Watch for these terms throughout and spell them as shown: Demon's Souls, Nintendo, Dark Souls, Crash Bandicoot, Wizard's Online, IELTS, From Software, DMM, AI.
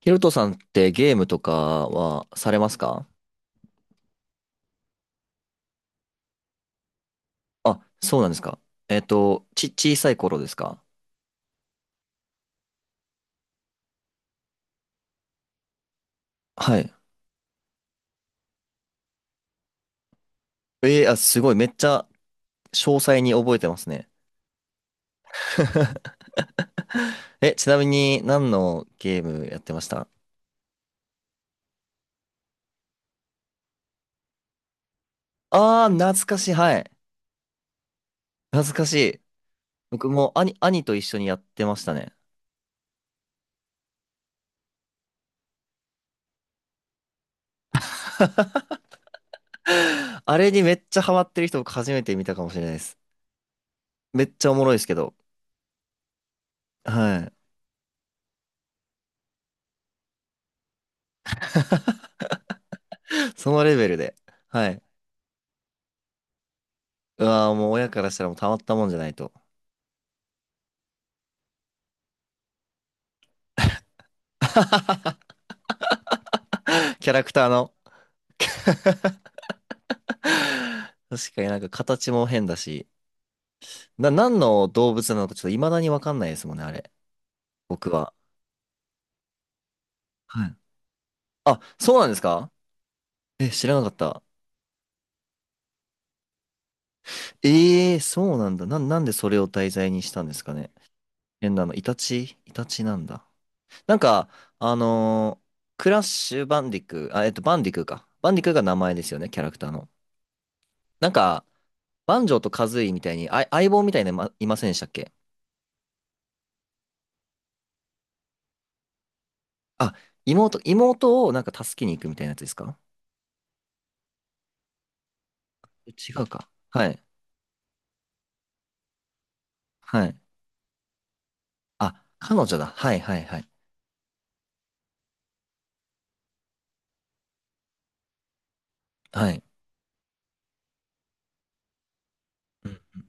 ヒロトさんってゲームとかはされますか？あ、そうなんですか。小さい頃ですか？はい。あ、すごい。めっちゃ詳細に覚えてますね。え、ちなみに何のゲームやってました？あー、懐かしい。はい。懐かしい。僕も兄と一緒にやってましたね。あれにめっちゃハマってる人僕初めて見たかもしれないです。めっちゃおもろいですけど。はい。そのレベルで。はい。うわーもう親からしたらもうたまったもんじゃないと。キャラクターの。確かになんか形も変だし、何の動物なのかちょっと未だにわかんないですもんね、あれ。僕は。はい。あ、そうなんですか？え、知らなかった。ええー、そうなんだ。なんでそれを題材にしたんですかね。変なの、イタチイタチなんだ。なんか、あのークラッシュバンディク、あ、バンディクーか。バンディクーが名前ですよね、キャラクターの。なんか、バンジョーとカズイみたいに、あ、相棒みたいなのいまいませんでしたっけ？あ、妹をなんか助けに行くみたいなやつですか？違うか。はい。はい。あ、彼女だ。はいはいはい。はい。うん。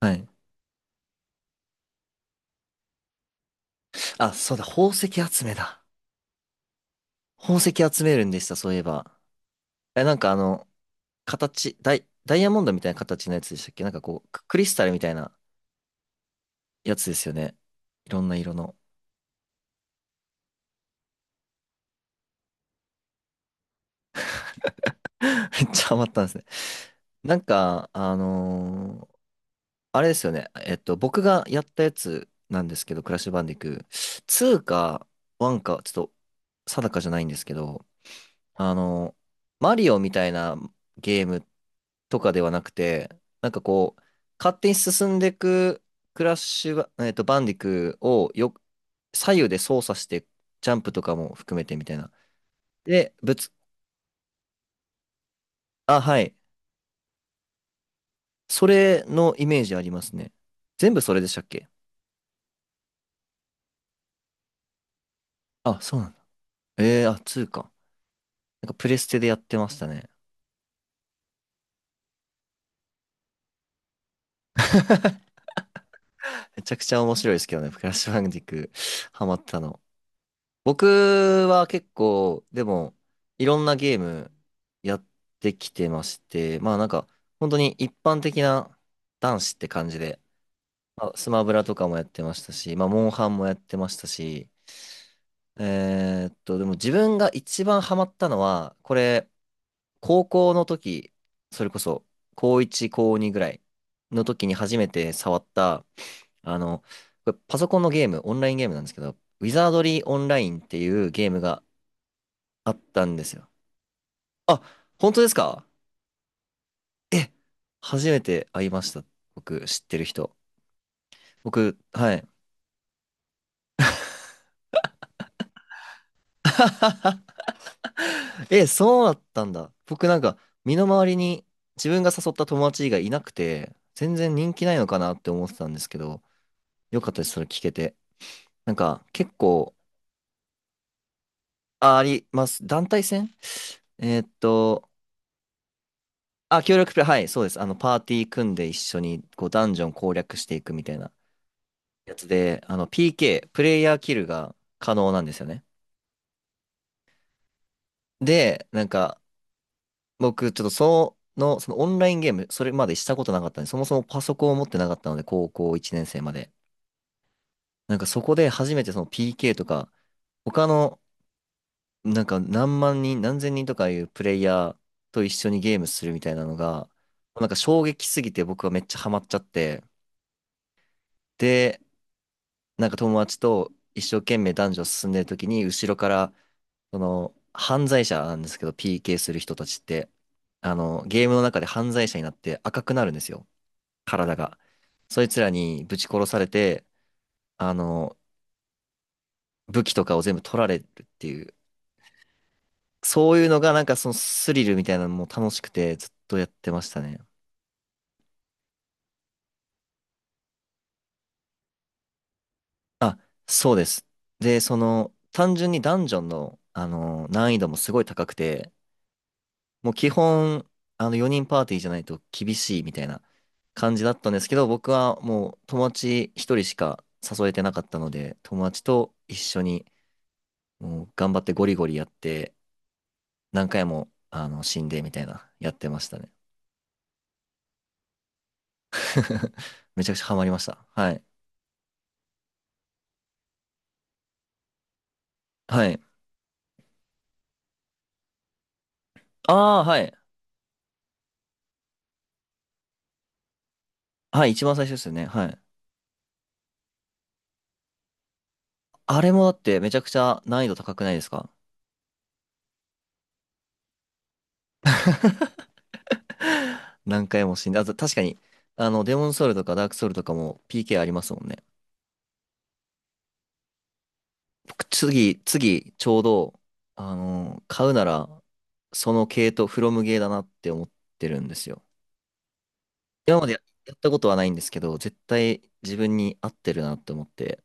はい。あ、そうだ。宝石集めだ。宝石集めるんでした、そういえば。え、なんかあの、形、ダイヤモンドみたいな形のやつでしたっけ？なんかこう、クリスタルみたいなやつですよね。いろんな色の。めっちゃハマったんですね。なんか、あれですよね。僕がやったやつなんですけど、クラッシュバンディクー。2か1か、ちょっと定かじゃないんですけど、あの、マリオみたいなゲームとかではなくて、なんかこう、勝手に進んでいくクラッシュバ、バンディクーをよ、左右で操作して、ジャンプとかも含めてみたいな。で、あ、はい。それのイメージありますね。全部それでしたっけ？あ、そうなんだ。あ、2か。なんかプレステでやってましたね。めちゃくちゃ面白いですけどね、クラッシュバンディクーハマったの。僕は結構、でも、いろんなゲームやってきてまして、まあなんか、本当に一般的な男子って感じで、まあ、スマブラとかもやってましたし、まあ、モンハンもやってましたし、でも自分が一番ハマったのは、これ、高校の時、それこそ、高1、高2ぐらいの時に初めて触った、あの、これパソコンのゲーム、オンラインゲームなんですけど、ウィザードリーオンラインっていうゲームがあったんですよ。あ、本当ですか？初めて会いました。僕、知ってる人。僕、はい。え、そうだったんだ。僕なんか、身の回りに自分が誘った友達以外いなくて、全然人気ないのかなって思ってたんですけど、よかったです、それ聞けて。なんか、結構、あ、あります。団体戦？えーっと、あ、協力プレイ、はい、そうです。あの、パーティー組んで一緒に、こう、ダンジョン攻略していくみたいなやつで、あの、PK、プレイヤーキルが可能なんですよね。で、なんか、僕、ちょっとその、そのオンラインゲーム、それまでしたことなかったんで、そもそもパソコンを持ってなかったので、高校1年生まで。なんかそこで初めてその PK とか、他の、なんか何万人、何千人とかいうプレイヤーと一緒にゲームするみたいなのが、なんか衝撃すぎて僕はめっちゃハマっちゃって、で、なんか友達と一生懸命男女進んでる時に、後ろから、その、犯罪者なんですけど、PK する人たちって、あの、ゲームの中で犯罪者になって赤くなるんですよ。体が。そいつらにぶち殺されて、あの、武器とかを全部取られるっていう。そういうのがなんかそのスリルみたいなのも楽しくてずっとやってましたね。あ、そうです。で、その、単純にダンジョンの、あの、難易度もすごい高くて、もう基本、あの、4人パーティーじゃないと厳しいみたいな感じだったんですけど、僕はもう友達1人しか誘えてなかったので、友達と一緒にもう頑張ってゴリゴリやって、何回も、あの、死んでみたいな、やってましたね。めちゃくちゃハマりました。はい。はい。ああ、はい。はい、一番最初ですよね。はい。あれもだってめちゃくちゃ難易度高くないですか？ 何回も死んで、あと確かに、あの、デモンソウルとかダークソウルとかも PK ありますもんね。僕、次、ちょうど、あの、買うなら、その系統、フロムゲーだなって思ってるんですよ。今までやったことはないんですけど、絶対自分に合ってるなって思って、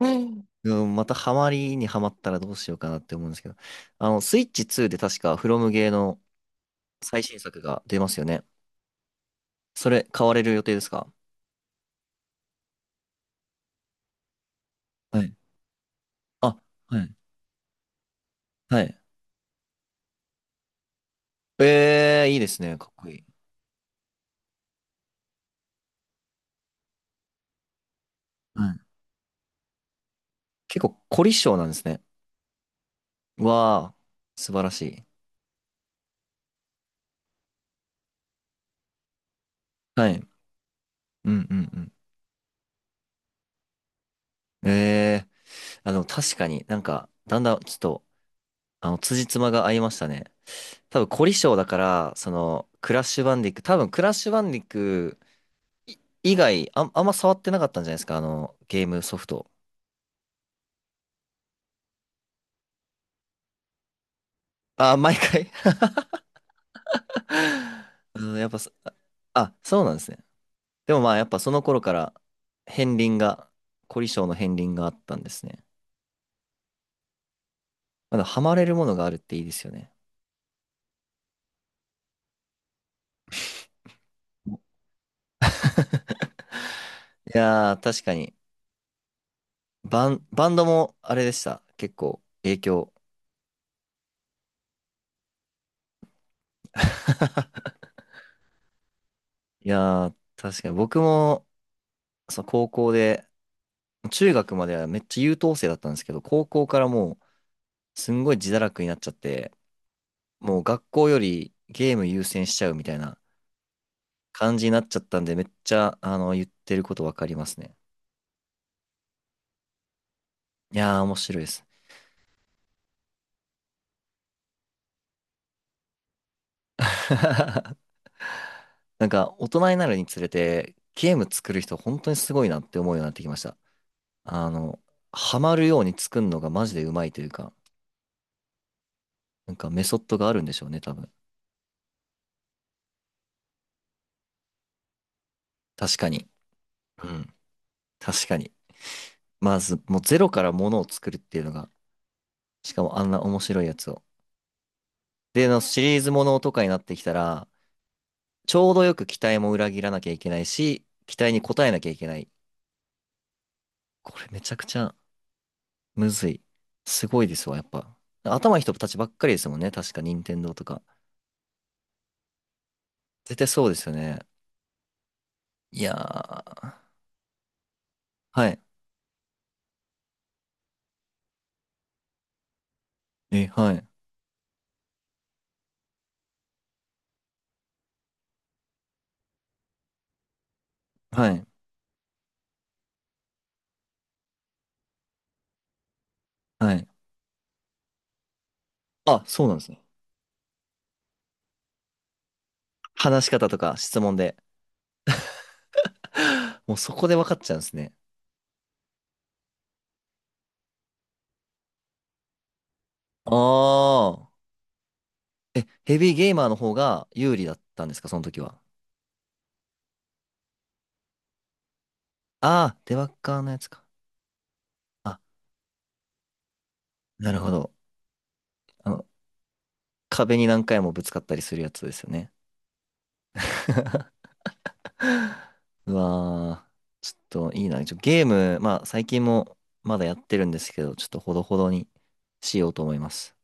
うんうんまたハマりにハマったらどうしようかなって思うんですけど。あの、スイッチ2で確かフロムゲーの最新作が出ますよね。それ買われる予定ですか？はい。あ、はい。はい。ええー、いいですね。かっこいい。はい。結構凝り性なんですね。わあ、素晴らしい。はい。うんうんうん。ええー、あの、確かになんか、だんだんちょっと、あの、辻褄が合いましたね。多分凝り性だから、その、クラッシュバンディック、い以外、あんま触ってなかったんじゃないですか、あの、ゲームソフト。あ、毎回 うん、やっぱそ、あ、そうなんですね。でもまあ、やっぱその頃から、片鱗が、凝り性の片鱗があったんですね。まだハマれるものがあるっていいですよね。いやー、確かに。バンドもあれでした。結構、影響。いやー、確かに僕も、そう、高校で、中学まではめっちゃ優等生だったんですけど、高校からもう、すんごい自堕落になっちゃって、もう学校よりゲーム優先しちゃうみたいな感じになっちゃったんで、めっちゃ、あの、言ってることわかりますね。いやー、面白いです。なんか、大人になるにつれて、ゲーム作る人、本当にすごいなって思うようになってきました。あの、ハマるように作るのがマジでうまいというか、なんかメソッドがあるんでしょうね、多分。確かに。うん。確かに。まず、もうゼロからものを作るっていうのが、しかもあんな面白いやつを。で、のシリーズものとかになってきたら、ちょうどよく期待も裏切らなきゃいけないし、期待に応えなきゃいけない。これめちゃくちゃむずい。すごいですわ、やっぱ。頭いい人たちばっかりですもんね。確か、任天堂とか。絶対そうですよね。いやー。はい。え、はい。はい。はい。あ、そうなんですね。話し方とか質問で。もうそこで分かっちゃうんですね。ああ。え、ヘビーゲーマーの方が有利だったんですか、その時は。ああ、デバッカーのやつか。あ、なるほど。あの、壁に何回もぶつかったりするやつですよね。うわー、ちょっといいな。ゲーム、まあ最近もまだやってるんですけど、ちょっとほどほどにしようと思います。